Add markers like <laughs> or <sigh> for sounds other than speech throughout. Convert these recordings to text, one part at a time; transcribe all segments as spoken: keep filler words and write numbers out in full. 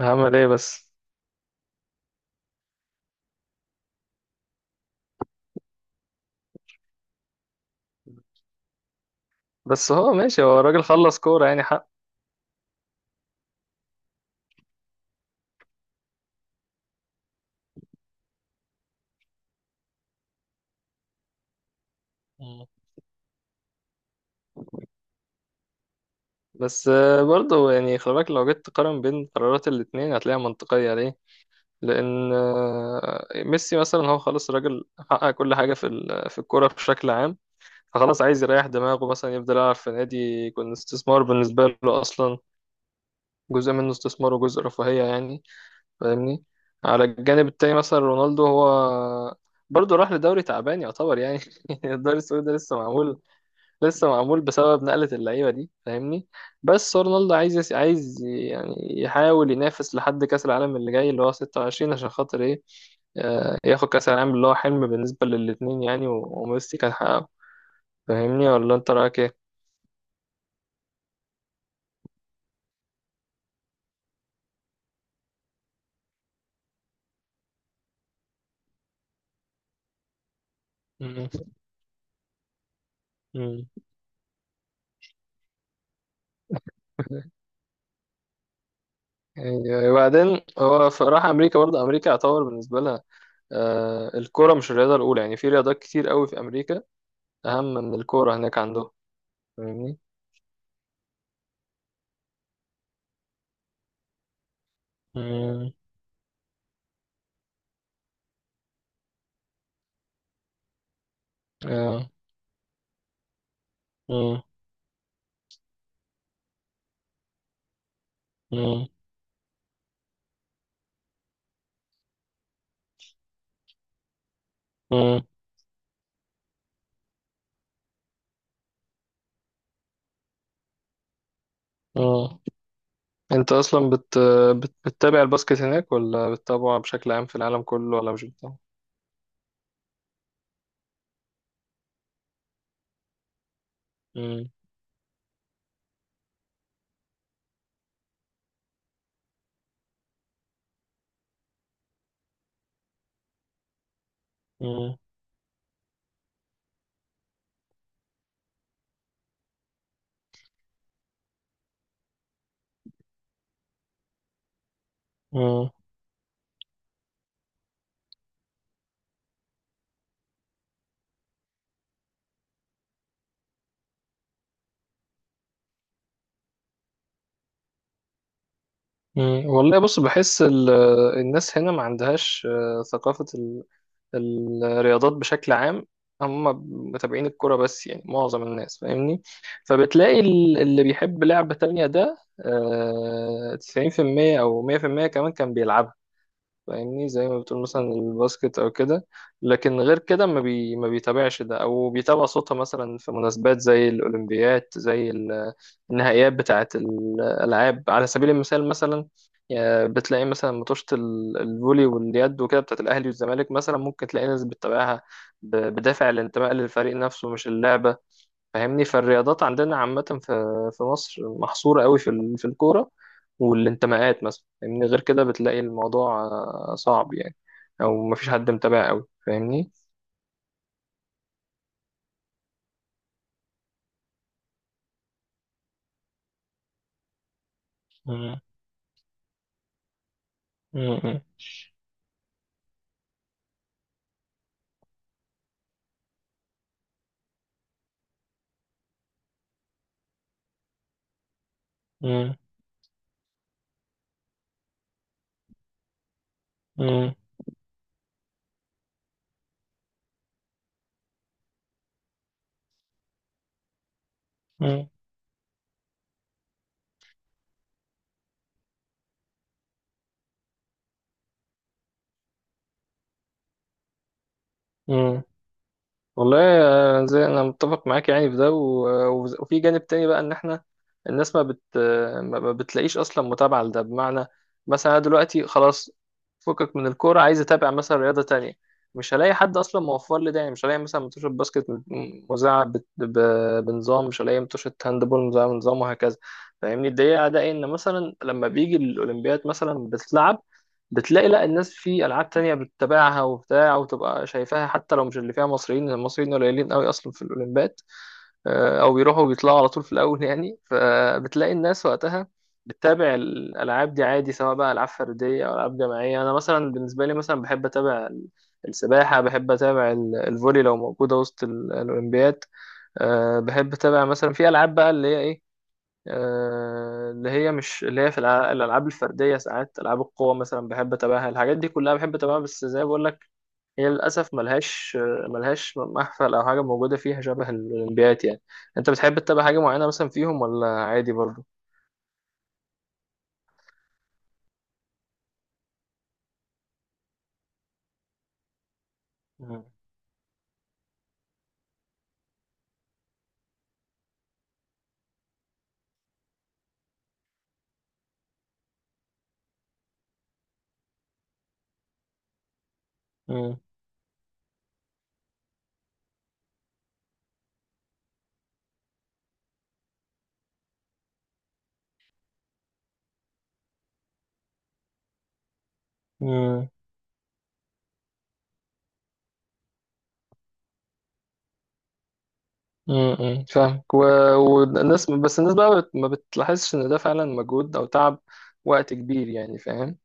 هعمل ايه بس. بس هو ماشي، هو الراجل خلص كورة يعني حق. مم. بس آه، برضه يعني خلي بالك لو جيت تقارن بين قرارات الاتنين هتلاقيها منطقية ليه؟ لأن آه، ميسي مثلا هو خلاص الراجل حقق كل حاجة في ال- في الكورة بشكل عام. فخلاص عايز يريح دماغه، مثلا يفضل يلعب في نادي، يكون استثمار بالنسبة له أصلا، جزء منه استثمار وجزء رفاهية يعني. فاهمني؟ على الجانب التاني مثلا رونالدو، هو برضه راح لدوري تعبان يعتبر يعني <laughs> الدوري السعودي ده لسه معمول، لسه معمول بسبب نقلة اللعيبة دي، فاهمني. بس هو رونالدو عايز، عايز يعني يحاول ينافس لحد كأس العالم اللي جاي اللي هو ستة وعشرين، عشان خاطر ايه؟ آه، ياخد كأس العالم اللي هو حلم بالنسبة للاتنين، يعني و- وميسي كان حققه. فاهمني؟ ولا انت رأيك ايه؟ مم. مم. <laughs> يعني وبعدين هو ف- راح امريكا، برضه امريكا يعتبر بالنسبه لها آه، الكوره مش الرياضه الاولى يعني. في رياضات كتير قوي في امريكا اهم من الكوره هناك عندهم. فاهمني. مم. آه. مم. مم. اه، انت اصلا بت... بت... بتتابع الباسكت هناك ولا بتتابعه بشكل عام في العالم كله، ولا مش بتتابعه؟ مم. مم. مم. مم. والله بص، بحس ال... الناس هنا ما عندهاش آه، ثقافة ال... الرياضات بشكل عام. هم متابعين الكرة بس يعني معظم الناس، فاهمني. فبتلاقي ال- اللي بيحب لعبة تانية ده، آه، تسعين في المية أو مئة في المئة كمان كان بيلعبها. فاهمني، زي ما بتقول مثلا الباسكت او كده. لكن غير كده ما بي ما بيتابعش ده، او بيتابع صوتها مثلا في مناسبات زي الاولمبيات، زي ال- النهائيات بتاعه الالعاب على سبيل المثال مثلا. يا- بتلاقي مثلا ماتشات ال- الفولي واليد وكده بتاعه الاهلي والزمالك، مثلا ممكن تلاقي ناس بتتابعها ب- بدافع الانتماء للفريق نفسه مش اللعبه. فاهمني. فالرياضات عندنا عامة في في مصر محصورة قوي في ال- في الكورة والانتماءات مثلا، فاهمني. غير كده بتلاقي الموضوع آه، صعب يعني، أو مفيش حد متابع قوي، فاهمني. مم. مم. مم. مم. مم. مم. والله آه، زي، انا متفق معاك يعني في ده و- و- وفي جانب تاني بقى ان احنا الناس ما بت ما ما بتلاقيش اصلا متابعه لده. بمعنى مثلا، انا دلوقتي خلاص فكك من الكوره، عايز اتابع مثلا رياضه تانية. مش هلاقي حد اصلا موفر لي ده يعني. مش هلاقي مثلا متوشه باسكت م- مذاعه بت- ب- بنظام، مش هلاقي متوشه هاندبول مذاعه بنظام، وهكذا. فاهمني. الدقيقه ده ان مثلا لما بيجي الاولمبياد مثلا بتلعب، بتلاقي لا الناس في العاب تانية بتتابعها وبتاع، وتبقى شايفاها حتى لو مش اللي فيها مصريين. المصريين قليلين قوي اصلا في الاولمبياد، آه، او بيروحوا وبيطلعوا على طول في الاول يعني. فبتلاقي الناس وقتها بتتابع الالعاب دي عادي، سواء بقى العاب فرديه او العاب جماعيه. انا مثلا بالنسبه لي مثلا بحب اتابع ال- السباحه، بحب اتابع ال- الفولي لو موجوده وسط ال- الاولمبياد. آه، بحب اتابع مثلا في العاب بقى اللي هي ايه، آه، اللي هي، مش اللي هي في الع- الالعاب الفرديه، ساعات العاب القوه مثلا بحب اتابعها. الحاجات دي كلها بحب اتابعها، بس زي ما بقول لك هي للاسف ملهاش آه، ملهاش محفل او حاجه موجوده فيها شبه الاولمبيات يعني. انت بتحب تتابع حاجه معينه مثلا فيهم ولا عادي برضو؟ مم. مم. مم. مم. فاهمك و... والناس، بس الناس بقى بت... ما بتلاحظش ان ده فعلا مجهود او تعب وقت كبير يعني، فاهم.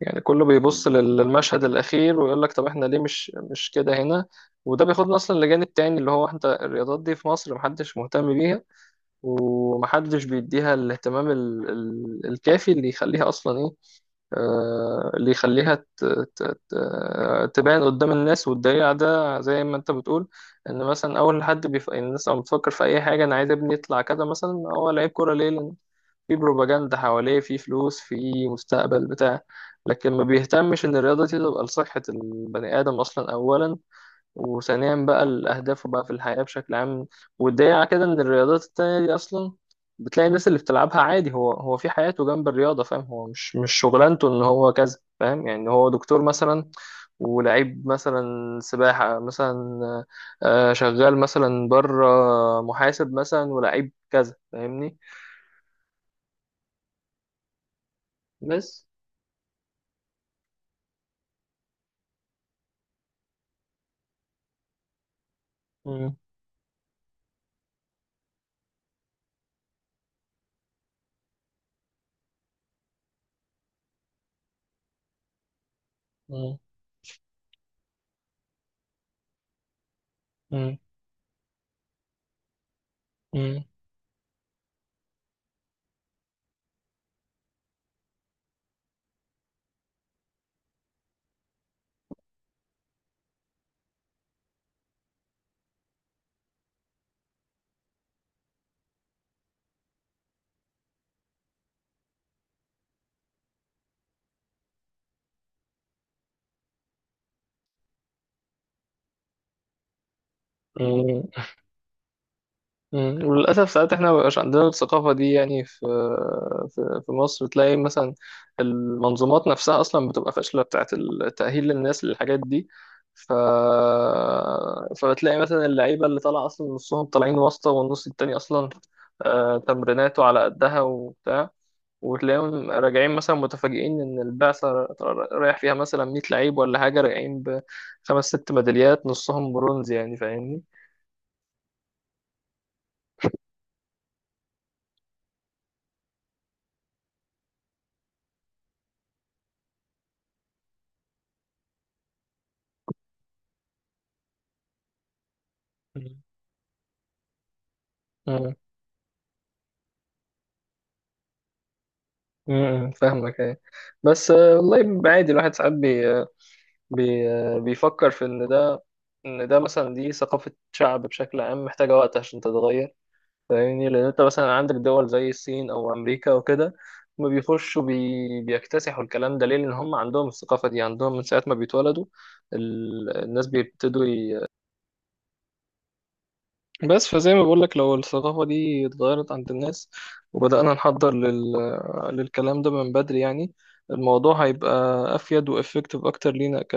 يعني كله بيبص لل- للمشهد الأخير ويقول لك طب احنا ليه مش مش كده هنا. وده بياخدنا أصلا لجانب تاني، اللي هو انت الرياضات دي في مصر محدش مهتم بيها، ومحدش بيديها الاهتمام ال- ال- الكافي اللي يخليها أصلا ايه. آه، اللي يخليها ت- ت- ت- آه، تبان قدام الناس. والدليل على ده زي ما انت بتقول، ان مثلا اول حد بيف... الناس لما بتفكر في اي حاجه، انا عايز ابني يطلع كذا مثلا، هو لعيب كوره ليه؟ لان في بروباجندا حواليه، في فلوس، في مستقبل، بتاع. لكن ما بيهتمش ان الرياضة دي تبقى لصحة البني آدم أصلا أولا، وثانيا بقى لأهدافه بقى في الحياة بشكل عام. والدليل على كده إن الرياضات التانية دي أصلا بتلاقي الناس اللي بتلعبها عادي، هو هو في حياته جنب الرياضة، فاهم. هو مش مش شغلانته إن هو كذا، فاهم يعني، إن هو دكتور مثلا ولعيب مثلا سباحة مثلا، آه، شغال مثلا بره، محاسب مثلا ولعيب كذا، فاهمني. بس. مم. مم. مم. مم. مم. وللأسف ساعات احنا مبيبقاش عندنا الثقافة دي يعني. في في في مصر تلاقي مثلا المنظومات نفسها أصلا بتبقى فاشلة بتاعة التأهيل للناس للحاجات دي. ف... فبتلاقي مثلا اللعيبة اللي طالعة أصلا نصهم طالعين واسطة، والنص التاني أصلا آه، تمريناته على قدها وبتاع. وتلاقيهم راجعين مثلا متفاجئين إن البعثة رايح فيها مثلا مية لعيب ولا حاجة، راجعين ب خمس ست ميداليات نصهم برونز، يعني فاهمني. مم. مم. فاهمك ايه. بس آه، والله عادي، الواحد ساعات بي آه، بي آه، بيفكر في ان ده، ان ده مثلا دي ثقافة شعب بشكل عام محتاجة وقت عشان تتغير، فاهمني. لان انت مثلا عندك دول زي الصين او امريكا وكده ما بيخشوا بي... بيكتسحوا الكلام ده ليه؟ لان هم عندهم الثقافة دي عندهم من ساعة ما بيتولدوا. ال... الناس بيبتدوا، بس. فزي ما بقولك لو الثقافة دي اتغيرت عند الناس، وبدأنا نحضر لل... للكلام ده من بدري يعني، الموضوع هيبقى أفيد وإفكتيف أكتر لينا ك...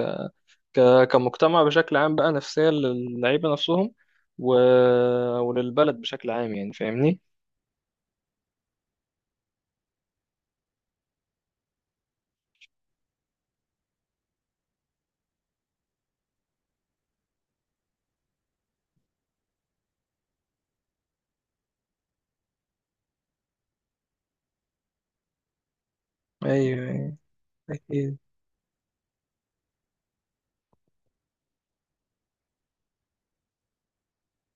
ك... كمجتمع بشكل عام، بقى نفسيا للعيبة نفسهم و... وللبلد بشكل عام يعني. فاهمني؟ أيوه، أيوه، أكيد.